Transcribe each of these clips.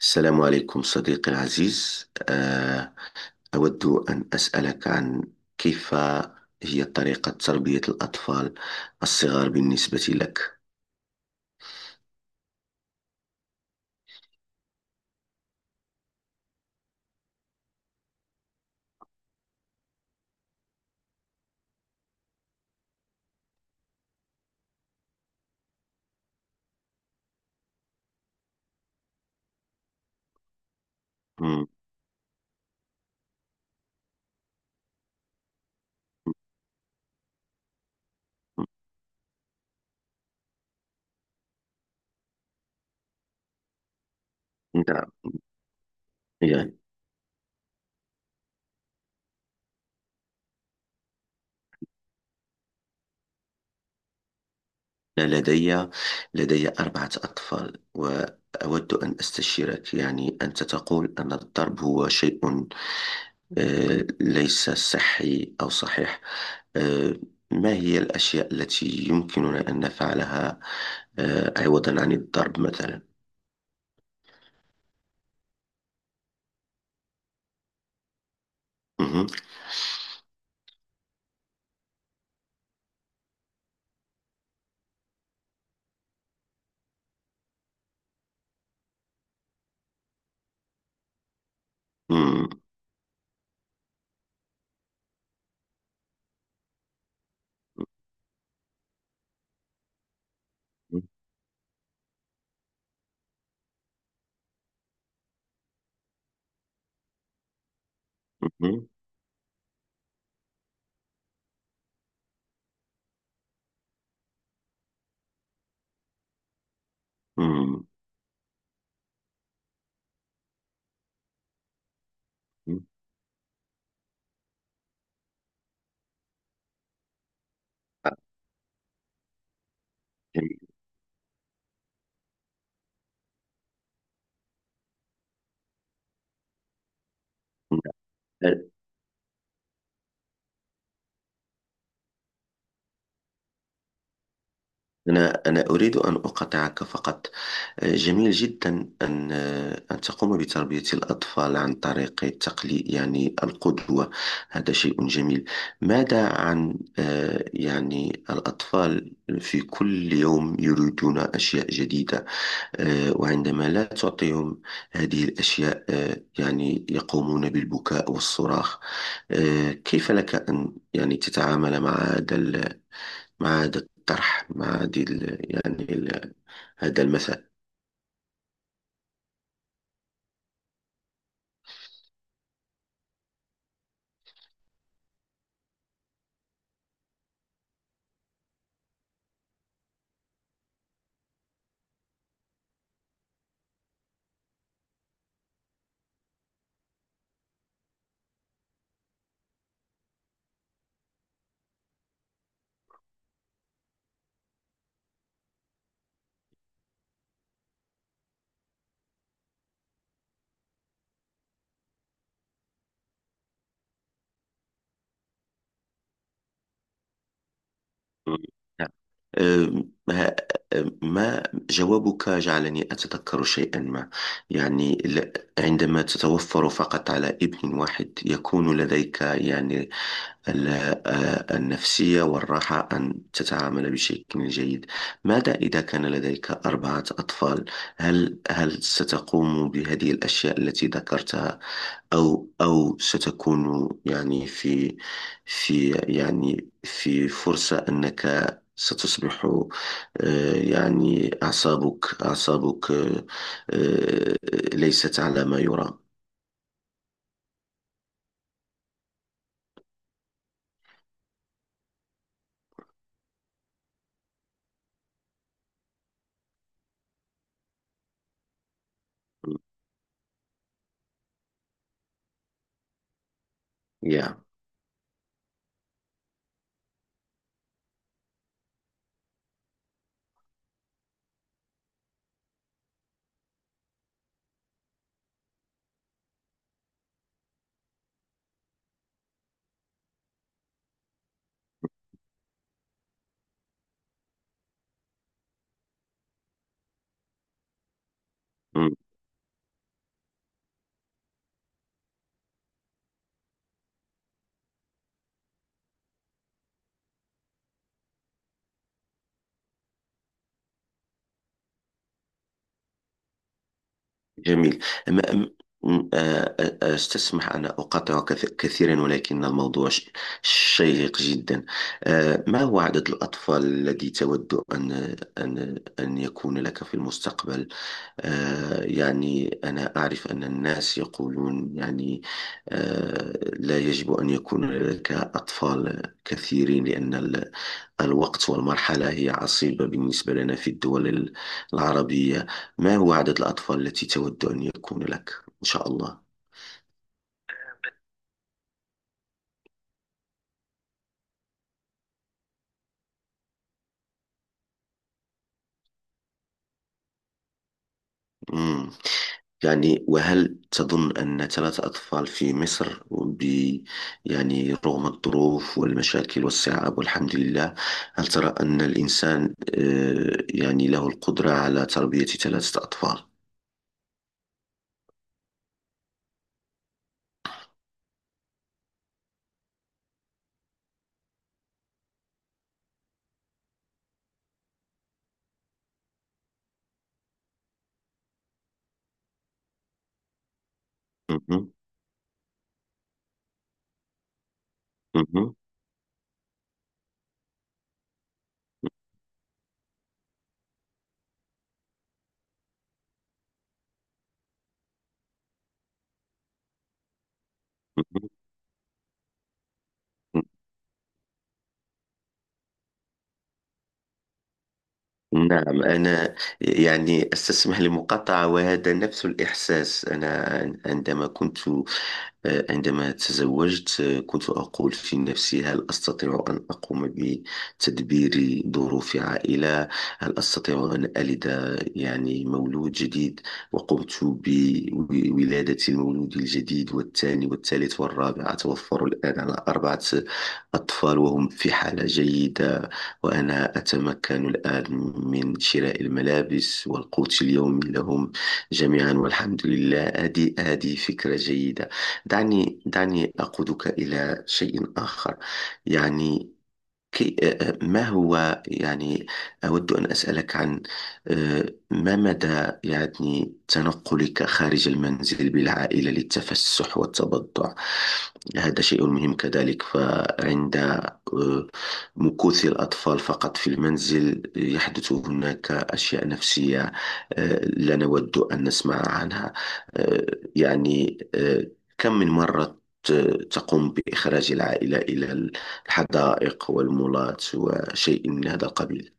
السلام عليكم صديقي العزيز، أود أن أسألك عن كيف هي طريقة تربية الأطفال الصغار بالنسبة لك. مم، نعم. يعني أنا لدي أربعة أطفال، وأود أن أستشيرك. يعني أنت تقول أن الضرب هو شيء ليس صحي أو صحيح. آه، ما هي الأشياء التي يمكننا أن نفعلها عوضا عن الضرب مثلا؟ مم. مم. مم. جميل. أنا أريد أن أقاطعك فقط. جميل جدا أن أن تقوم بتربية الأطفال عن طريق التقليد، يعني القدوة. هذا شيء جميل. ماذا عن يعني الأطفال في كل يوم يريدون أشياء جديدة، وعندما لا تعطيهم هذه الأشياء يعني يقومون بالبكاء والصراخ. كيف لك أن يعني تتعامل مع مع هذا الطرح، مع هذه ال- يعني ال- هذا المثل؟ نعم. آه، ما ما جوابك جعلني أتذكر شيئا ما. يعني ل- عندما تتوفر فقط على ابن واحد يكون لديك يعني ال- النفسية والراحة أن تتعامل بشكل جيد. ماذا إذا كان لديك أربعة أطفال؟ هل ستقوم بهذه الأشياء التي ذكرتها، أو ستكون يعني في في يعني في فرصة أنك ستصبح يعني أعصابك آه، ليست على ما يرام؟ يا. جميل. أما أم- أستسمح أن أقاطعك كثيرا، ولكن الموضوع شيق جدا. آ، ما هو عدد الأطفال الذي تود أن يكون لك في المستقبل؟ يعني أنا أعرف أن الناس يقولون يعني، آ، لا يجب أن يكون لك أطفال كثيرين لأن الوقت والمرحلة هي عصيبة بالنسبة لنا في الدول العربية. ما هو عدد الأطفال التي تود أن يكون لك إن شاء الله؟ مم. يعني، وهل تظن أن ثلاثة أطفال في مصر، يعني رغم الظروف والمشاكل والصعاب والحمد لله، هل ترى أن الإنسان يعني له القدرة على تربية ثلاثة أطفال؟ مهم. مهم. مهم. نعم. أنا يعني أستسمح لمقاطعة، وهذا نفس الإحساس. أنا عندما كنت عندما تزوجت، كنت أقول في نفسي هل أستطيع أن أقوم بتدبير ظروف عائلة؟ هل أستطيع أن ألد يعني مولود جديد وقمت بولادة المولود الجديد والثاني والثالث والرابع. أتوفر الآن على أربعة أطفال، وهم في حالة جيدة، وأنا أتمكن الآن من شراء الملابس والقوت اليومي لهم جميعا، والحمد لله. هذه فكرة جيدة. دعني دعني أقودك إلى شيء آخر. يعني ما هو يعني، أود أن أسألك عن ما مدى يعني تنقلك خارج المنزل بالعائلة للتفسح والتبضع. هذا شيء مهم كذلك. فعند مكوث الأطفال فقط في المنزل يحدث هناك أشياء نفسية لا نود أن نسمع عنها. آه، يعني كم من مرة تقوم بإخراج العائلة إلى الحدائق والمولات وشيء من هذا القبيل؟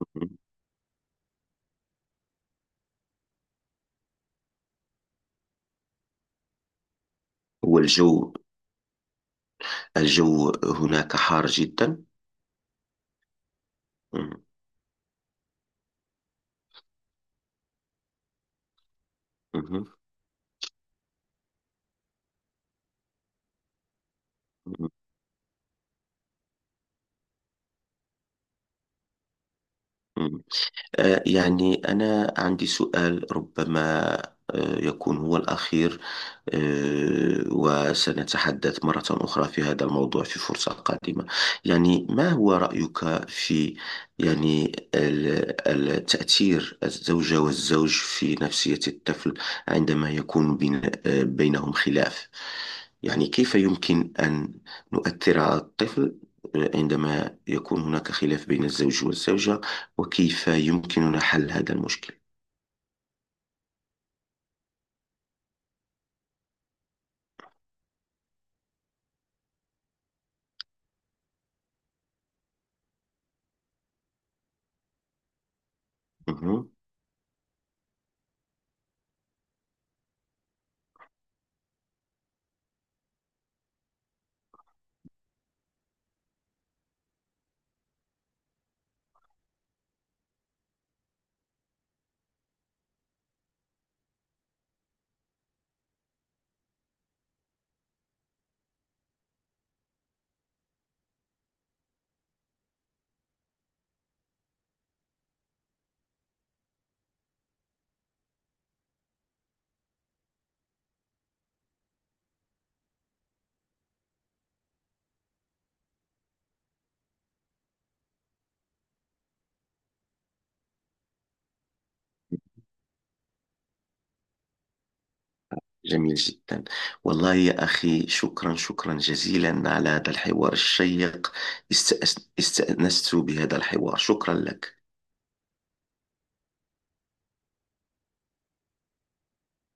مهم. والجو الجو هناك حار جدا. مهم. مهم. مهم. يعني أنا عندي سؤال ربما يكون هو الأخير، وسنتحدث مرة أخرى في هذا الموضوع في فرصة قادمة. يعني ما هو رأيك في يعني تأثير الزوجة والزوج في نفسية الطفل عندما يكون بين بينهم خلاف؟ يعني كيف يمكن أن نؤثر على الطفل عندما يكون هناك خلاف بين الزوج والزوجة؟ وكيف يمكننا حل هذا المشكل؟ مهم. جميل جدا. والله يا أخي، شكرا شكرا جزيلا على هذا الحوار الشيق. استأنست بهذا الحوار. شكرا لك.